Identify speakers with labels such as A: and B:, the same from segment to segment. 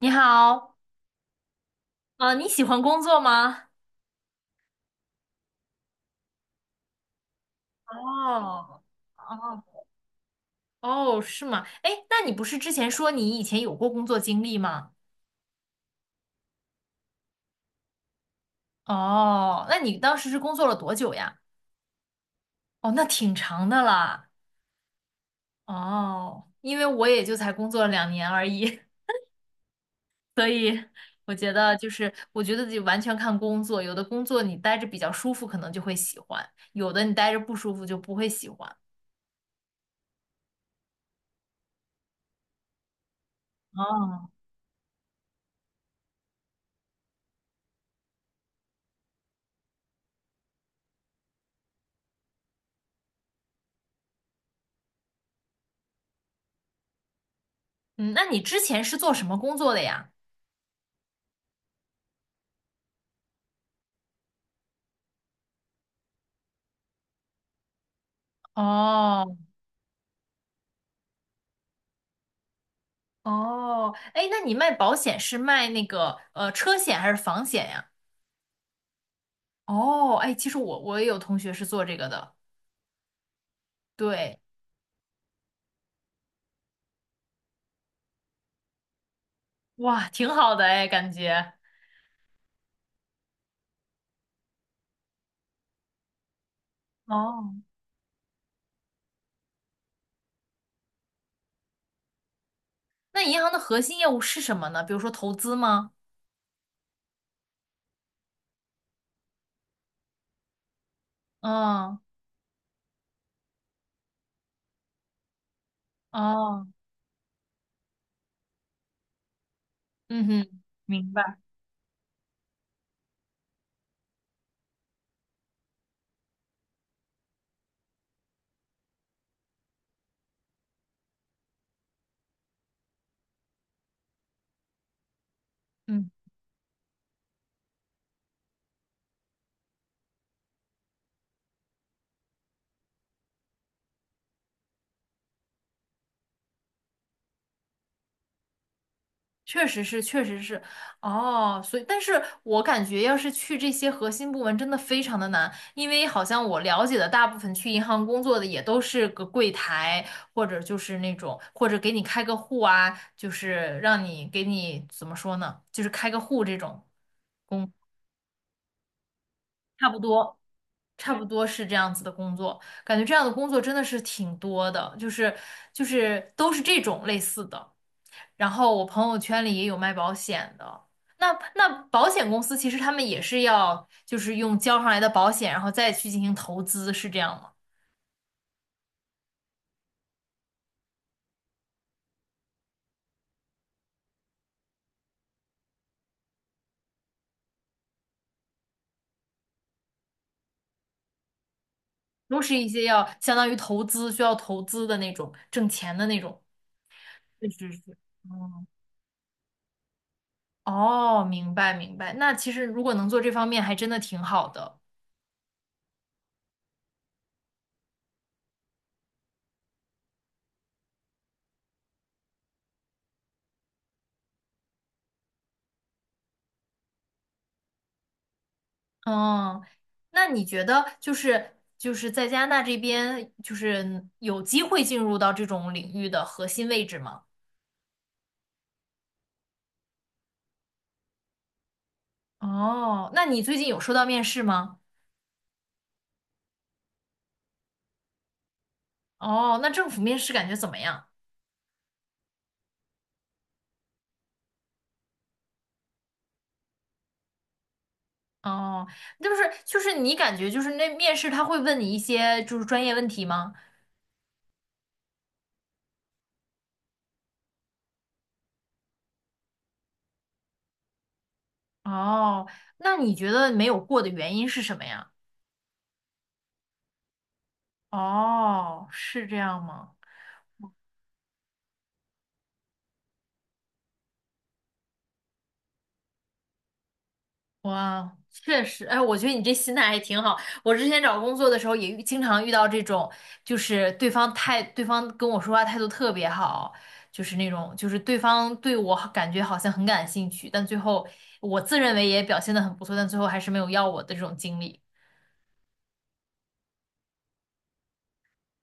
A: 你好，啊，你喜欢工作吗？哦哦哦，是吗？哎，那你不是之前说你以前有过工作经历吗？哦，那你当时是工作了多久呀？哦，那挺长的啦。哦，因为我也就才工作了2年而已，所以我觉得就是，我觉得得完全看工作，有的工作你待着比较舒服，可能就会喜欢；有的你待着不舒服就不会喜欢。哦，嗯，那你之前是做什么工作的呀？哦，哦，哎，那你卖保险是卖那个车险还是房险呀？哦，哎，其实我也有同学是做这个的，对，哇，挺好的哎，感觉。哦，那银行的核心业务是什么呢？比如说投资吗？嗯，哦，嗯哼，明白。嗯。确实是，确实是，哦，所以，但是我感觉要是去这些核心部门，真的非常的难，因为好像我了解的大部分去银行工作的也都是个柜台，或者就是那种，或者给你开个户啊，就是让你给你怎么说呢，就是开个户这种工，差不多，差不多是这样子的工作，感觉这样的工作真的是挺多的，就是都是这种类似的。然后我朋友圈里也有卖保险的。那保险公司其实他们也是要，就是用交上来的保险，然后再去进行投资，是这样吗？都是一些要相当于投资，需要投资的那种，挣钱的那种。是是是。嗯，哦，明白明白。那其实如果能做这方面，还真的挺好的。嗯，那你觉得就是在加拿大这边，就是有机会进入到这种领域的核心位置吗？哦，那你最近有收到面试吗？哦，那政府面试感觉怎么样？哦，就是你感觉就是那面试他会问你一些就是专业问题吗？哦，那你觉得没有过的原因是什么呀？哦，是这样吗？哇，确实，哎，我觉得你这心态还挺好。我之前找工作的时候也经常遇到这种，就是对方态，对方跟我说话态度特别好，就是那种，就是对方对我好感觉好像很感兴趣，但最后我自认为也表现的很不错，但最后还是没有要我的这种经历。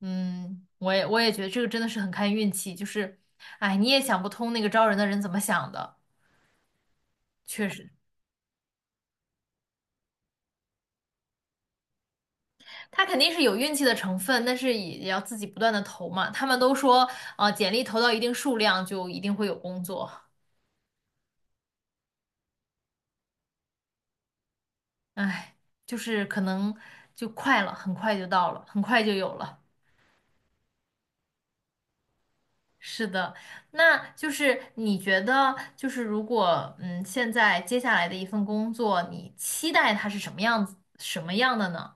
A: 嗯，我也觉得这个真的是很看运气，就是，哎，你也想不通那个招人的人怎么想的，确实。他肯定是有运气的成分，但是也要自己不断的投嘛。他们都说，简历投到一定数量就一定会有工作。哎，就是可能就快了，很快就到了，很快就有了。是的，那就是你觉得，就是如果现在接下来的一份工作，你期待它是什么样子，什么样的呢？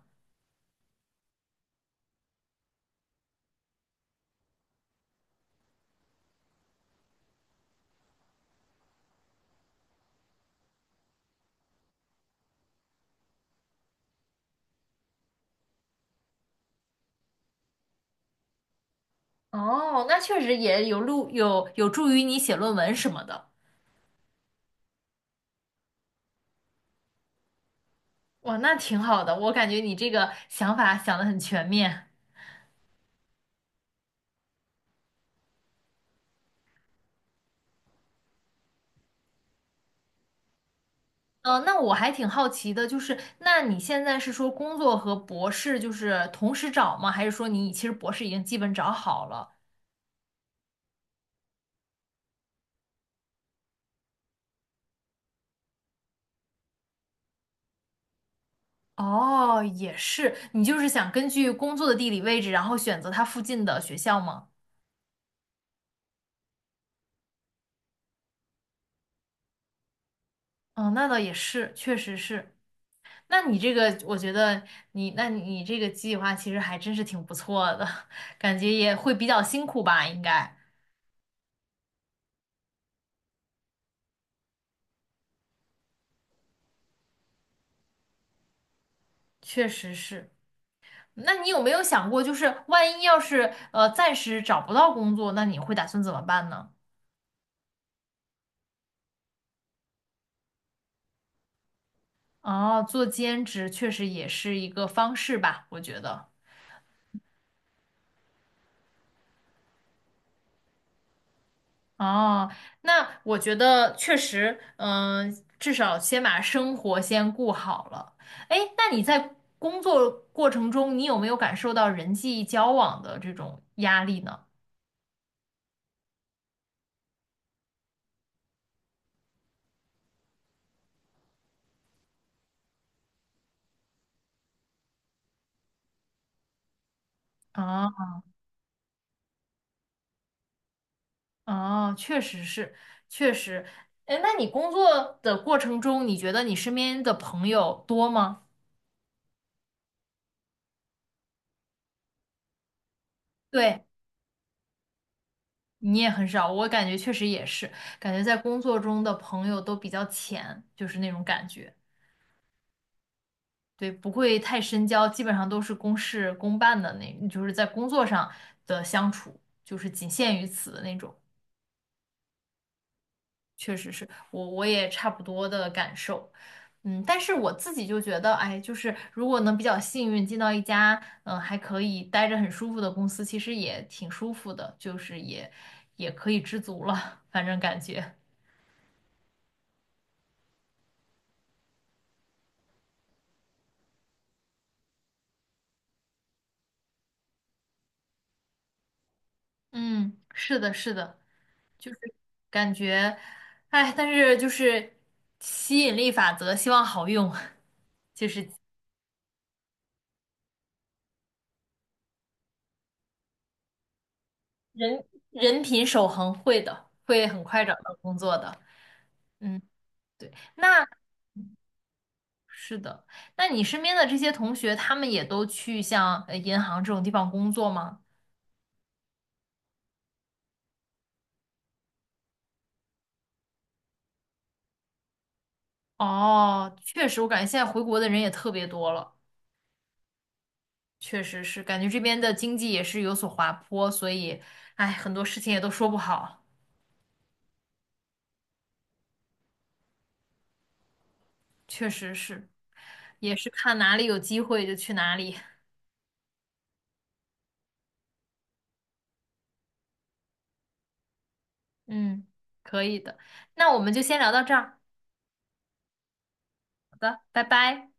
A: 哦，那确实也有路，有助于你写论文什么的。哇，那挺好的，我感觉你这个想法想得很全面。那我还挺好奇的，就是那你现在是说工作和博士就是同时找吗？还是说你其实博士已经基本找好了？哦，也是，你就是想根据工作的地理位置，然后选择它附近的学校吗？哦，那倒也是，确实是。那你这个，我觉得你，那你这个计划其实还真是挺不错的，感觉也会比较辛苦吧？应该，确实是。那你有没有想过，就是万一要是暂时找不到工作，那你会打算怎么办呢？哦，做兼职确实也是一个方式吧，我觉得。哦，那我觉得确实，至少先把生活先顾好了。哎，那你在工作过程中，你有没有感受到人际交往的这种压力呢？啊？哦，确实是，确实。哎，那你工作的过程中，你觉得你身边的朋友多吗？对，你也很少，我感觉确实也是，感觉在工作中的朋友都比较浅，就是那种感觉。对，不会太深交，基本上都是公事公办的那，就是在工作上的相处，就是仅限于此的那种。确实是我也差不多的感受，嗯，但是我自己就觉得，哎，就是如果能比较幸运进到一家，嗯，还可以待着很舒服的公司，其实也挺舒服的，就是也可以知足了，反正感觉，嗯，是的，是的，就是感觉，哎，但是就是吸引力法则，希望好用，就是人人品守恒会的，会很快找到工作的，嗯。对，那是的，那你身边的这些同学，他们也都去像银行这种地方工作吗？哦，确实，我感觉现在回国的人也特别多了，确实是，感觉这边的经济也是有所滑坡，所以，哎，很多事情也都说不好，确实是，也是看哪里有机会就去哪里，嗯，可以的，那我们就先聊到这儿，好的，拜拜。